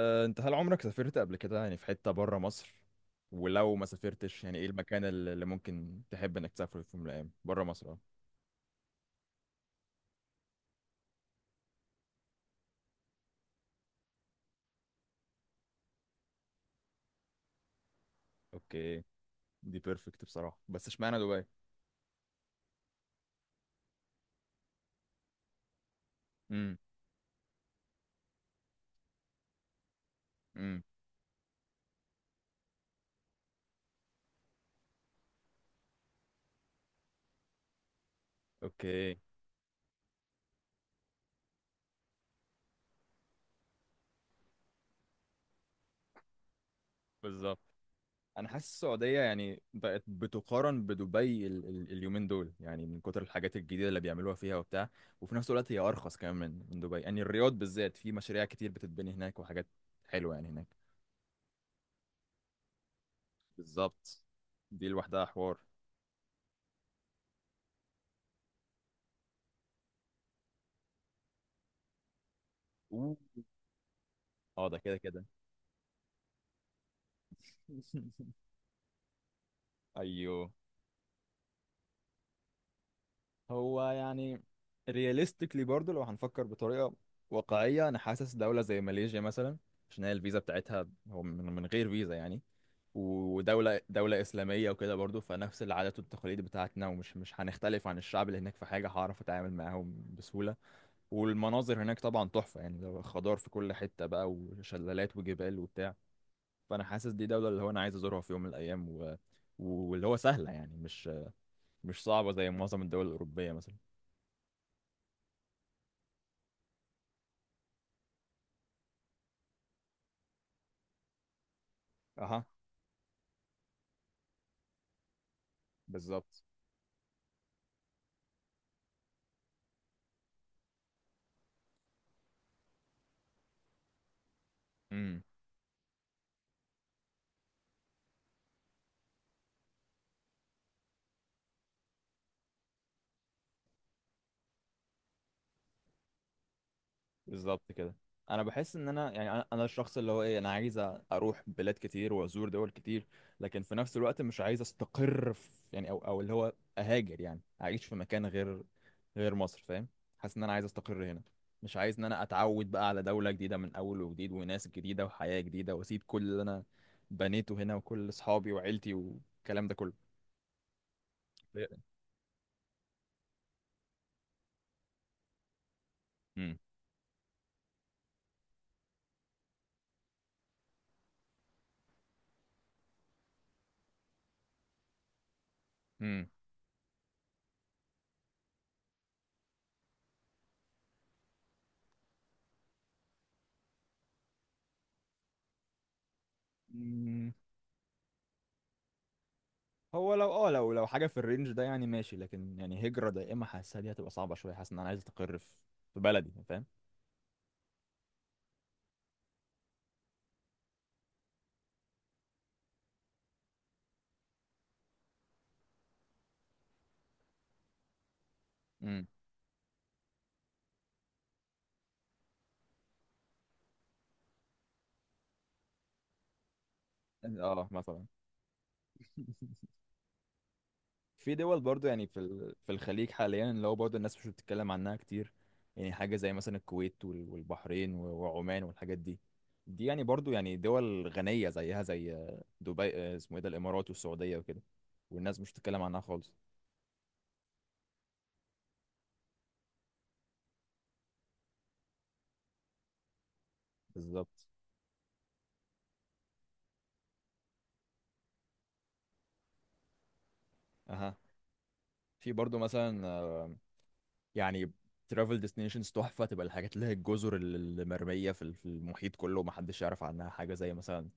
أه، انت هل عمرك سافرت قبل كده يعني في حتة بره مصر؟ ولو ما سافرتش يعني ايه المكان اللي ممكن تحب انك تسافره في يوم من الايام بره مصر؟ اه. اوكي. دي بيرفكت بصراحة، بس اشمعنى دبي؟ امم. امم. اوكي. بالظبط. انا حاسس السعودية يعني بقت بتقارن بدبي ال ال اليومين دول، يعني من كتر الحاجات الجديدة اللي بيعملوها فيها وبتاع. وفي نفس الوقت هي ارخص كمان من دبي. يعني الرياض بالذات في مشاريع كتير بتتبني هناك وحاجات حلوة يعني هناك. بالظبط. دي لوحدها حوار. اه ده كده كده. ايوه. هو يعني رياليستيكلي برضه لو هنفكر بطريقه واقعيه، انا حاسس دوله زي ماليزيا مثلا، عشان هي الفيزا بتاعتها هو من غير فيزا يعني. ودوله اسلاميه وكده برضه، فنفس العادات والتقاليد بتاعتنا، ومش مش هنختلف عن الشعب اللي هناك في حاجه، هعرف اتعامل معاهم بسهوله. والمناظر هناك طبعا تحفه، يعني ده خضار في كل حته بقى وشلالات وجبال وبتاع. فانا حاسس دي دوله اللي هو انا عايز ازورها في يوم من الايام، واللي هو سهله، يعني مش صعبة زي معظم الدول الأوروبية مثلا. اها. بالظبط. امم. بالظبط كده. انا بحس ان انا يعني أنا الشخص اللي هو ايه، انا عايز اروح بلاد كتير وازور دول كتير، لكن في نفس الوقت مش عايز استقر في يعني او اللي هو اهاجر يعني اعيش في مكان غير مصر، فاهم؟ حاسس ان انا عايز استقر هنا. مش عايز ان انا اتعود بقى على دولة جديدة من اول وجديد وناس جديدة وحياة جديدة، واسيب كل اللي انا بنيته هنا وكل اصحابي وعيلتي والكلام ده كله. امم. امم. هو لو اه لو حاجه في الرينج ده يعني ماشي، لكن يعني هجره دائمه حاسسها دي هتبقى صعبه شويه. حاسس ان انا عايز استقر في في بلدي، فاهم؟ امم. اه مثلا في دول برضو، يعني في في الخليج حاليا، اللي هو برضو الناس مش بتتكلم عنها كتير. يعني حاجه زي مثلا الكويت والبحرين وعمان والحاجات دي. دي يعني برضو يعني دول غنيه زيها زي دبي، اسمه ايه ده، الامارات والسعوديه وكده، والناس مش بتتكلم عنها خالص. بالظبط. اها. في برضو مثلا يعني ترافل ديستنيشنز تحفه، تبقى الحاجات اللي هي الجزر اللي مرميه في في المحيط كله ومحدش يعرف عنها، حاجه زي مثلا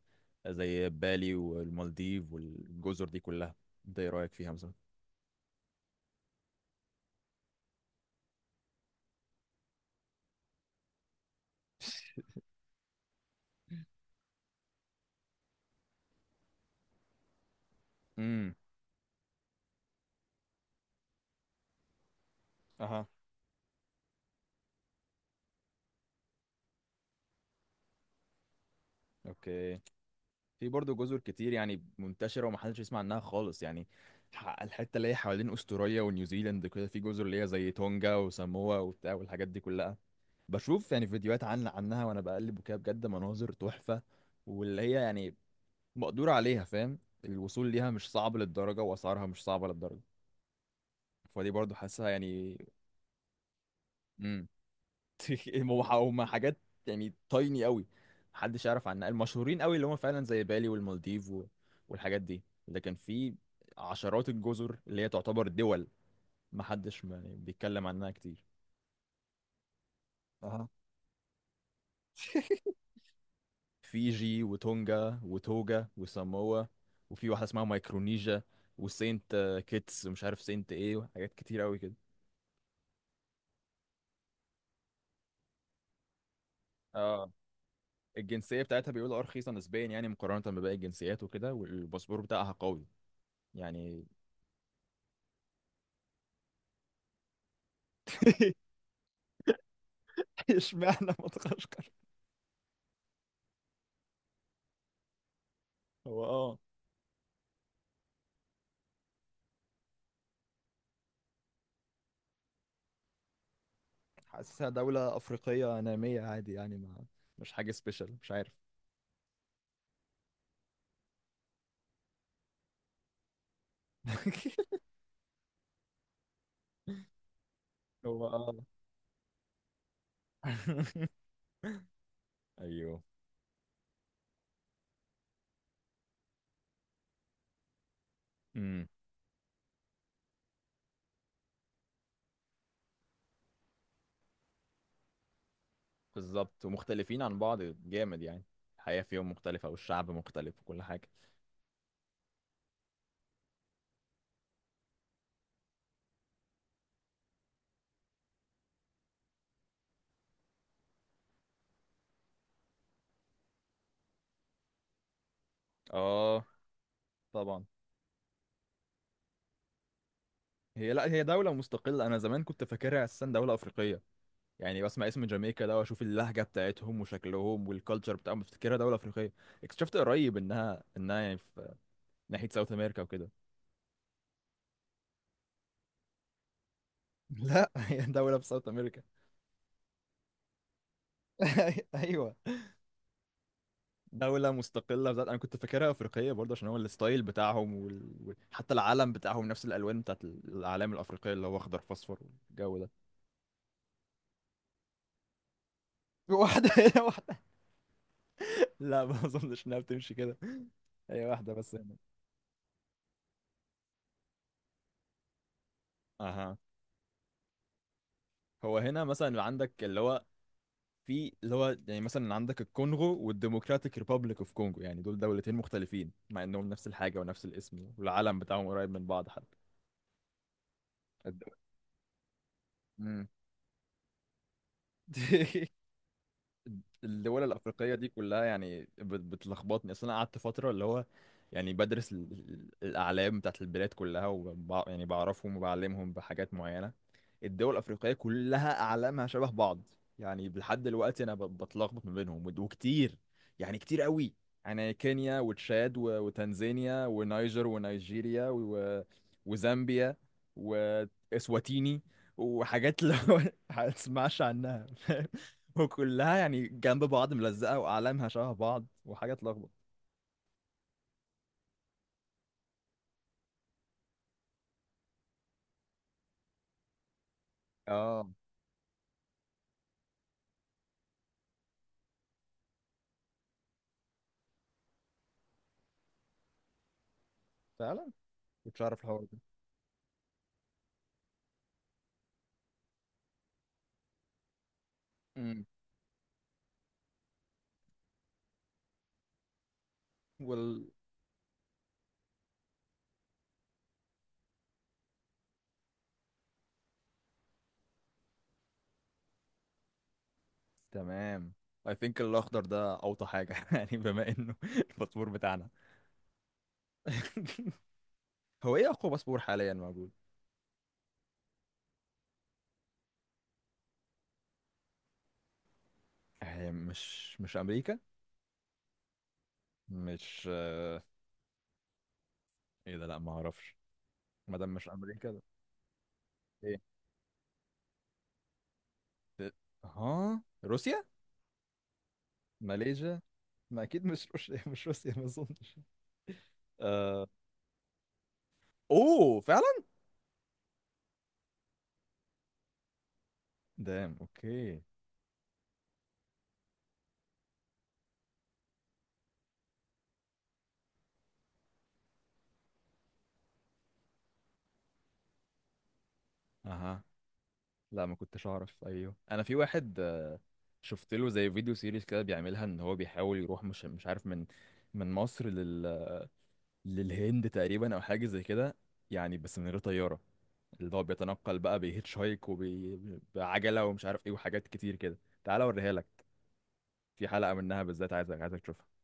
زي بالي والمالديف والجزر دي كلها. انت ايه رايك فيها مثلا؟ امم. اها. اوكي. في برضه جزر كتير يعني منتشره ومحدش يسمع عنها خالص، يعني الحته اللي هي حوالين استراليا ونيوزيلاند كده، في جزر اللي هي زي تونجا وساموا وبتاع والحاجات دي كلها. بشوف يعني فيديوهات عنها وانا بقلب وكده، بجد مناظر تحفه، واللي هي يعني مقدور عليها، فاهم؟ الوصول ليها مش صعب للدرجة وأسعارها مش صعبة للدرجة، فدي برضو حاسسها يعني. امم. هم حاجات يعني تايني قوي، محدش يعرف عنها. المشهورين قوي اللي هم فعلا زي بالي والمالديف والحاجات دي، لكن في عشرات الجزر اللي هي تعتبر دول محدش يعني بيتكلم عنها كتير. اها. فيجي وتونجا وتوجا وساموا، وفي واحدة اسمها مايكرونيجيا، وسينت كيتس ومش عارف سينت ايه، وحاجات كتير قوي كده. اه. الجنسية بتاعتها بيقولوا اه رخيصة نسبيا، يعني مقارنة بباقي الجنسيات وكده، والباسبور بتاعها قوي يعني. اشمعنى مدغشقر؟ هو اه، حاسسها دولة أفريقية نامية عادي، يعني ما مش حاجة سبيشال، مش عارف. هو اه. ايوه. امم. بالظبط ومختلفين عن بعض جامد، يعني الحياة فيهم مختلفة والشعب مختلف وكل حاجة. اه طبعا. هي لا، هي دولة مستقلة. أنا زمان كنت فاكرها أساسا دولة أفريقية، يعني بسمع اسم جامايكا ده واشوف اللهجه بتاعتهم وشكلهم والكالتشر بتاعهم، بفتكرها دوله افريقيه. اكتشفت قريب انها يعني في ناحيه ساوث امريكا وكده. لا هي دوله في ساوث امريكا. ايوه. دولة مستقلة بذات. أنا كنت فاكرها أفريقية برضه، عشان هو الستايل بتاعهم حتى العلم بتاعهم نفس الألوان بتاعت الأعلام الأفريقية، اللي هو أخضر في أصفر والجو ده. واحدة هنا واحدة. لا، ما أظنش إنها بتمشي كده هي واحدة بس هنا. أها. هو هنا مثلا عندك اللي هو في اللي هو يعني مثلا عندك الكونغو والديموكراتيك ريبابليك اوف كونغو، يعني دولتين مختلفين مع انهم نفس الحاجة ونفس الاسم، والعلم بتاعهم قريب من بعض حتى. الد- مم. الدول الافريقيه دي كلها يعني بتلخبطني، اصل انا قعدت فتره اللي هو يعني بدرس الاعلام بتاعت البلاد كلها، يعني بعرفهم وبعلمهم بحاجات معينه. الدول الافريقيه كلها اعلامها شبه بعض، يعني لحد دلوقتي انا بتلخبط ما بينهم، وكتير يعني كتير قوي، يعني كينيا وتشاد وتنزانيا ونيجر ونيجيريا وزامبيا واسواتيني وحاجات اللي هو ما تسمعش عنها، وكلها يعني جنب بعض ملزقة وأعلامها شبه بعض وحاجة تلخبط. اه فعلا. كنتش أعرف الحوار ده. امم. وال تمام. I think الأخضر ده أوطى حاجة يعني بما إنه الباسبور بتاعنا. هو إيه أقوى باسبور حاليا موجود؟ هي مش أمريكا؟ مش، إيه ده، لأ ما أعرفش، ما دام مش أمريكا ده. إيه؟ ده- ها روسيا؟ ماليزيا؟ ما أكيد مش روسيا مش روسيا ما أظنش. آه... أوه فعلا؟ دام اوكي. اها. لا ما كنتش اعرف. ايوه انا في واحد، شفت له زي فيديو سيريز كده بيعملها، ان هو بيحاول يروح مش عارف من من مصر لل للهند تقريبا او حاجه زي كده، يعني بس من غير طياره. اللي هو بيتنقل بقى بهيتش هايك وبعجله ومش عارف ايه وحاجات كتير كده. تعالى اوريها لك، في حلقه منها بالذات عايزك تشوفها.